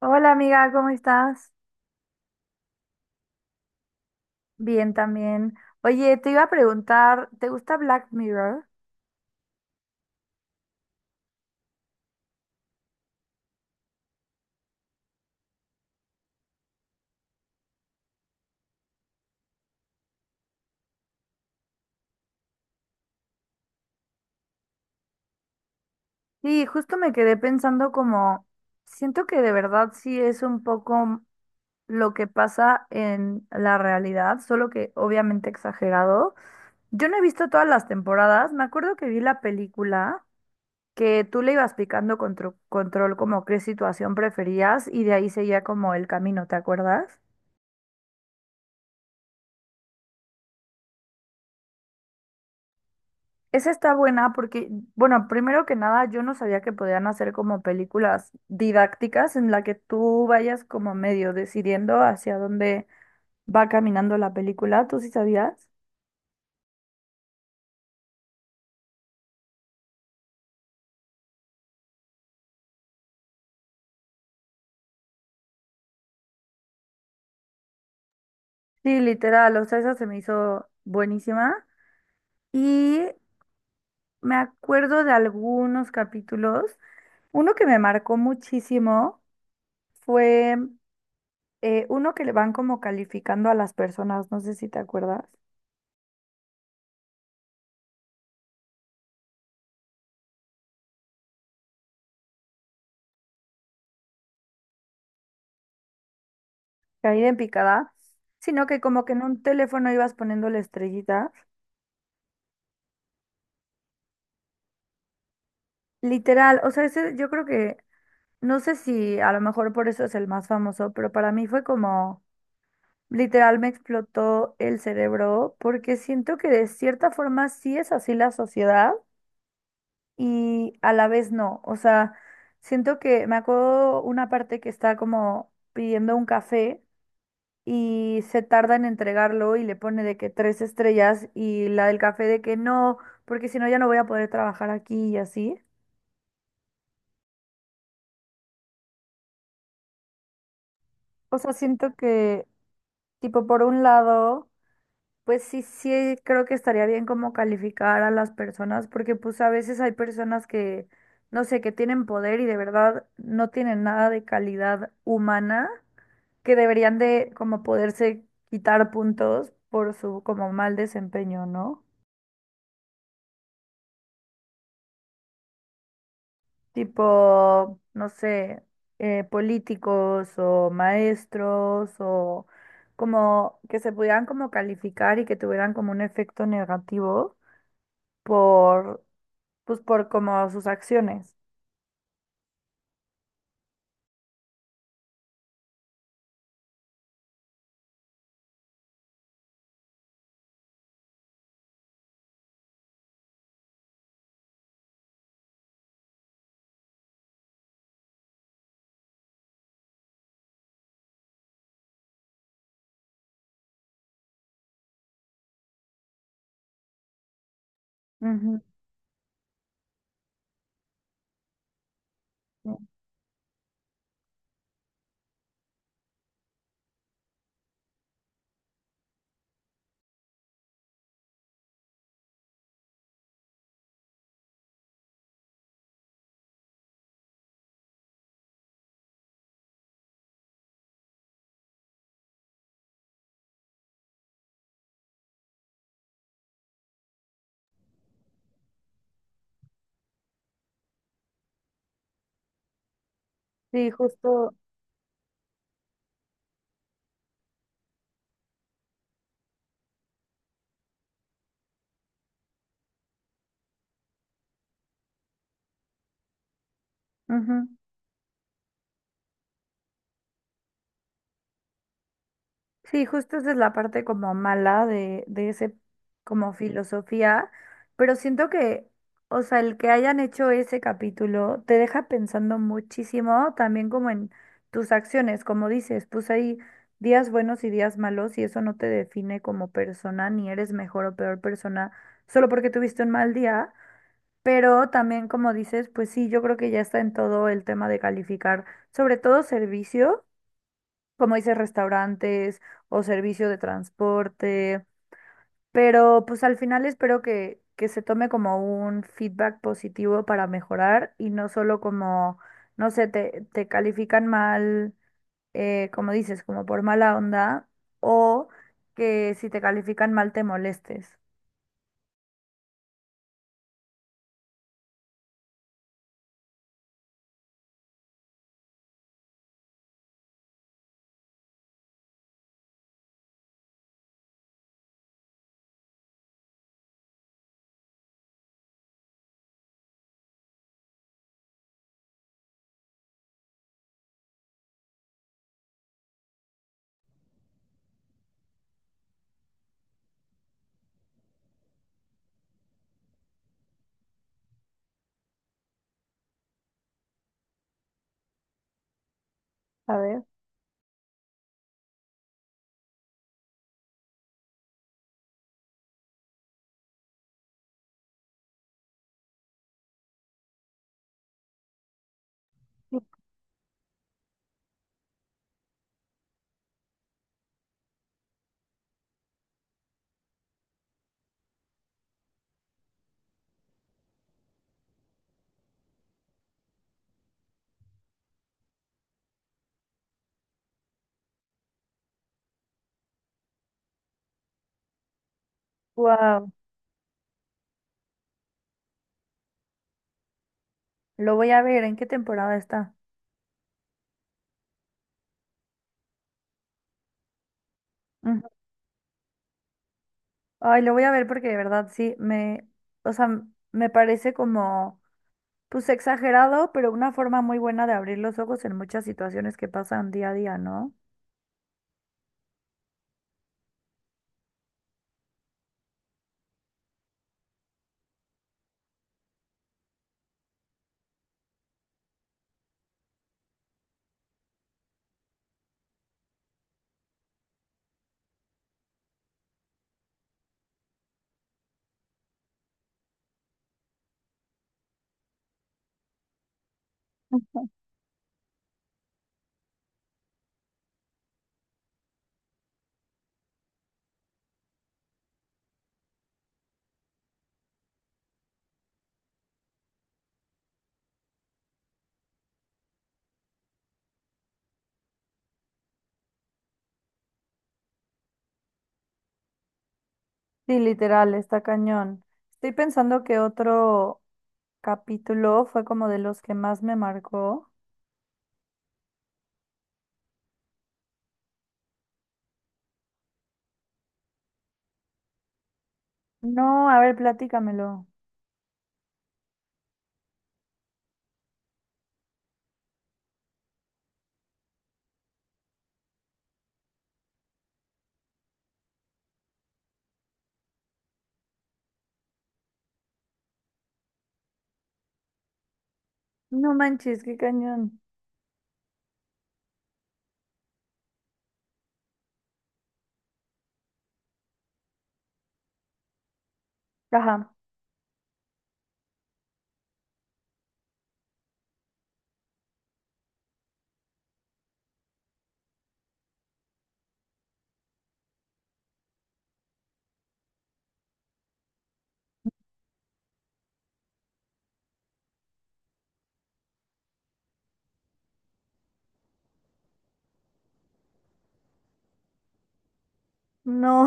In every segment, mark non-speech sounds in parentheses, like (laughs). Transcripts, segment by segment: Hola amiga, ¿cómo estás? Bien también. Oye, te iba a preguntar, ¿te gusta Black Mirror? Sí, justo me quedé pensando como, siento que de verdad sí es un poco lo que pasa en la realidad, solo que obviamente exagerado. Yo no he visto todas las temporadas, me acuerdo que vi la película que tú le ibas picando control como qué situación preferías y de ahí seguía como el camino, ¿te acuerdas? Esa está buena porque, bueno, primero que nada, yo no sabía que podían hacer como películas didácticas en la que tú vayas como medio decidiendo hacia dónde va caminando la película. ¿Tú sí sabías? Sí, literal, o sea, esa se me hizo buenísima. Y me acuerdo de algunos capítulos. Uno que me marcó muchísimo fue uno que le van como calificando a las personas, no sé si te acuerdas. Caída en picada, sino que como que en un teléfono ibas poniéndole estrellitas. Literal, o sea, ese yo creo que, no sé si a lo mejor por eso es el más famoso, pero para mí fue como, literal me explotó el cerebro porque siento que de cierta forma sí es así la sociedad y a la vez no. O sea, siento que me acuerdo una parte que está como pidiendo un café. Y se tarda en entregarlo y le pone de que tres estrellas y la del café de que no, porque si no ya no voy a poder trabajar aquí y así. O sea, siento que, tipo, por un lado, pues sí, sí, creo que estaría bien como calificar a las personas, porque pues a veces hay personas que, no sé, que tienen poder y de verdad no tienen nada de calidad humana, que deberían de como poderse quitar puntos por su como mal desempeño, ¿no? Tipo, no sé, políticos o maestros o como que se pudieran como calificar y que tuvieran como un efecto negativo por, pues por como sus acciones. Ujú. Sí, justo. Ujú. Sí, justo esa es la parte como mala de ese como filosofía, pero siento que, o sea, el que hayan hecho ese capítulo te deja pensando muchísimo también como en tus acciones, como dices, pues hay días buenos y días malos y eso no te define como persona, ni eres mejor o peor persona solo porque tuviste un mal día, pero también como dices, pues sí, yo creo que ya está en todo el tema de calificar, sobre todo servicio como dices, restaurantes o servicio de transporte, pero pues al final espero que se tome como un feedback positivo para mejorar y no solo como, no sé, te califican mal, como dices, como por mala onda o que si te califican mal te molestes. A ver. Wow, lo voy a ver, ¿en qué temporada está? Ujú. Ay, lo voy a ver porque de verdad sí, me, o sea, me parece como pues exagerado, pero una forma muy buena de abrir los ojos en muchas situaciones que pasan día a día, ¿no? Sí, literal, está cañón. Estoy pensando que otro capítulo fue como de los que más me marcó. No, a ver, platícamelo. No manches, qué cañón. Ajá. No,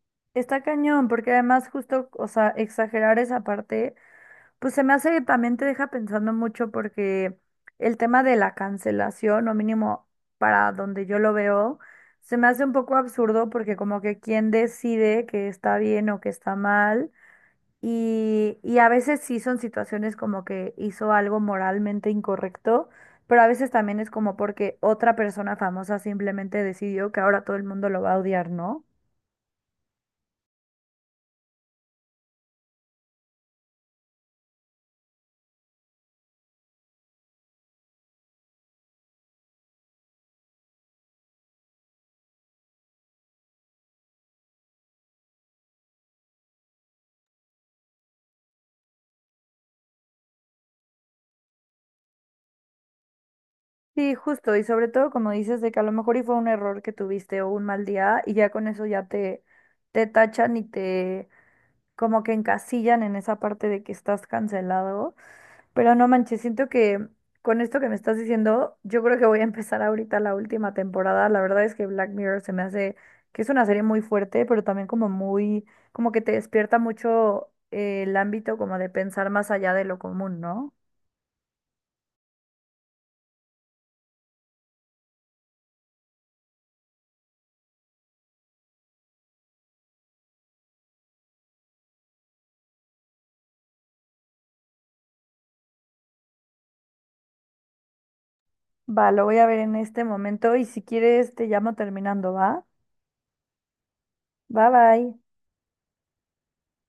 (laughs) está cañón, porque además justo, o sea, exagerar esa parte. Pues se me hace que también te deja pensando mucho porque el tema de la cancelación, o mínimo para donde yo lo veo, se me hace un poco absurdo porque como que quién decide que está bien o que está mal. Y a veces sí son situaciones como que hizo algo moralmente incorrecto, pero a veces también es como porque otra persona famosa simplemente decidió que ahora todo el mundo lo va a odiar, ¿no? Sí, justo, y sobre todo como dices de que a lo mejor y fue un error que tuviste o un mal día y ya con eso ya te tachan y te como que encasillan en esa parte de que estás cancelado. Pero no manches, siento que con esto que me estás diciendo, yo creo que voy a empezar ahorita la última temporada. La verdad es que Black Mirror se me hace que es una serie muy fuerte, pero también como muy, como que te despierta mucho el ámbito como de pensar más allá de lo común, ¿no? Va, lo voy a ver en este momento y si quieres te llamo terminando, ¿va? Bye bye.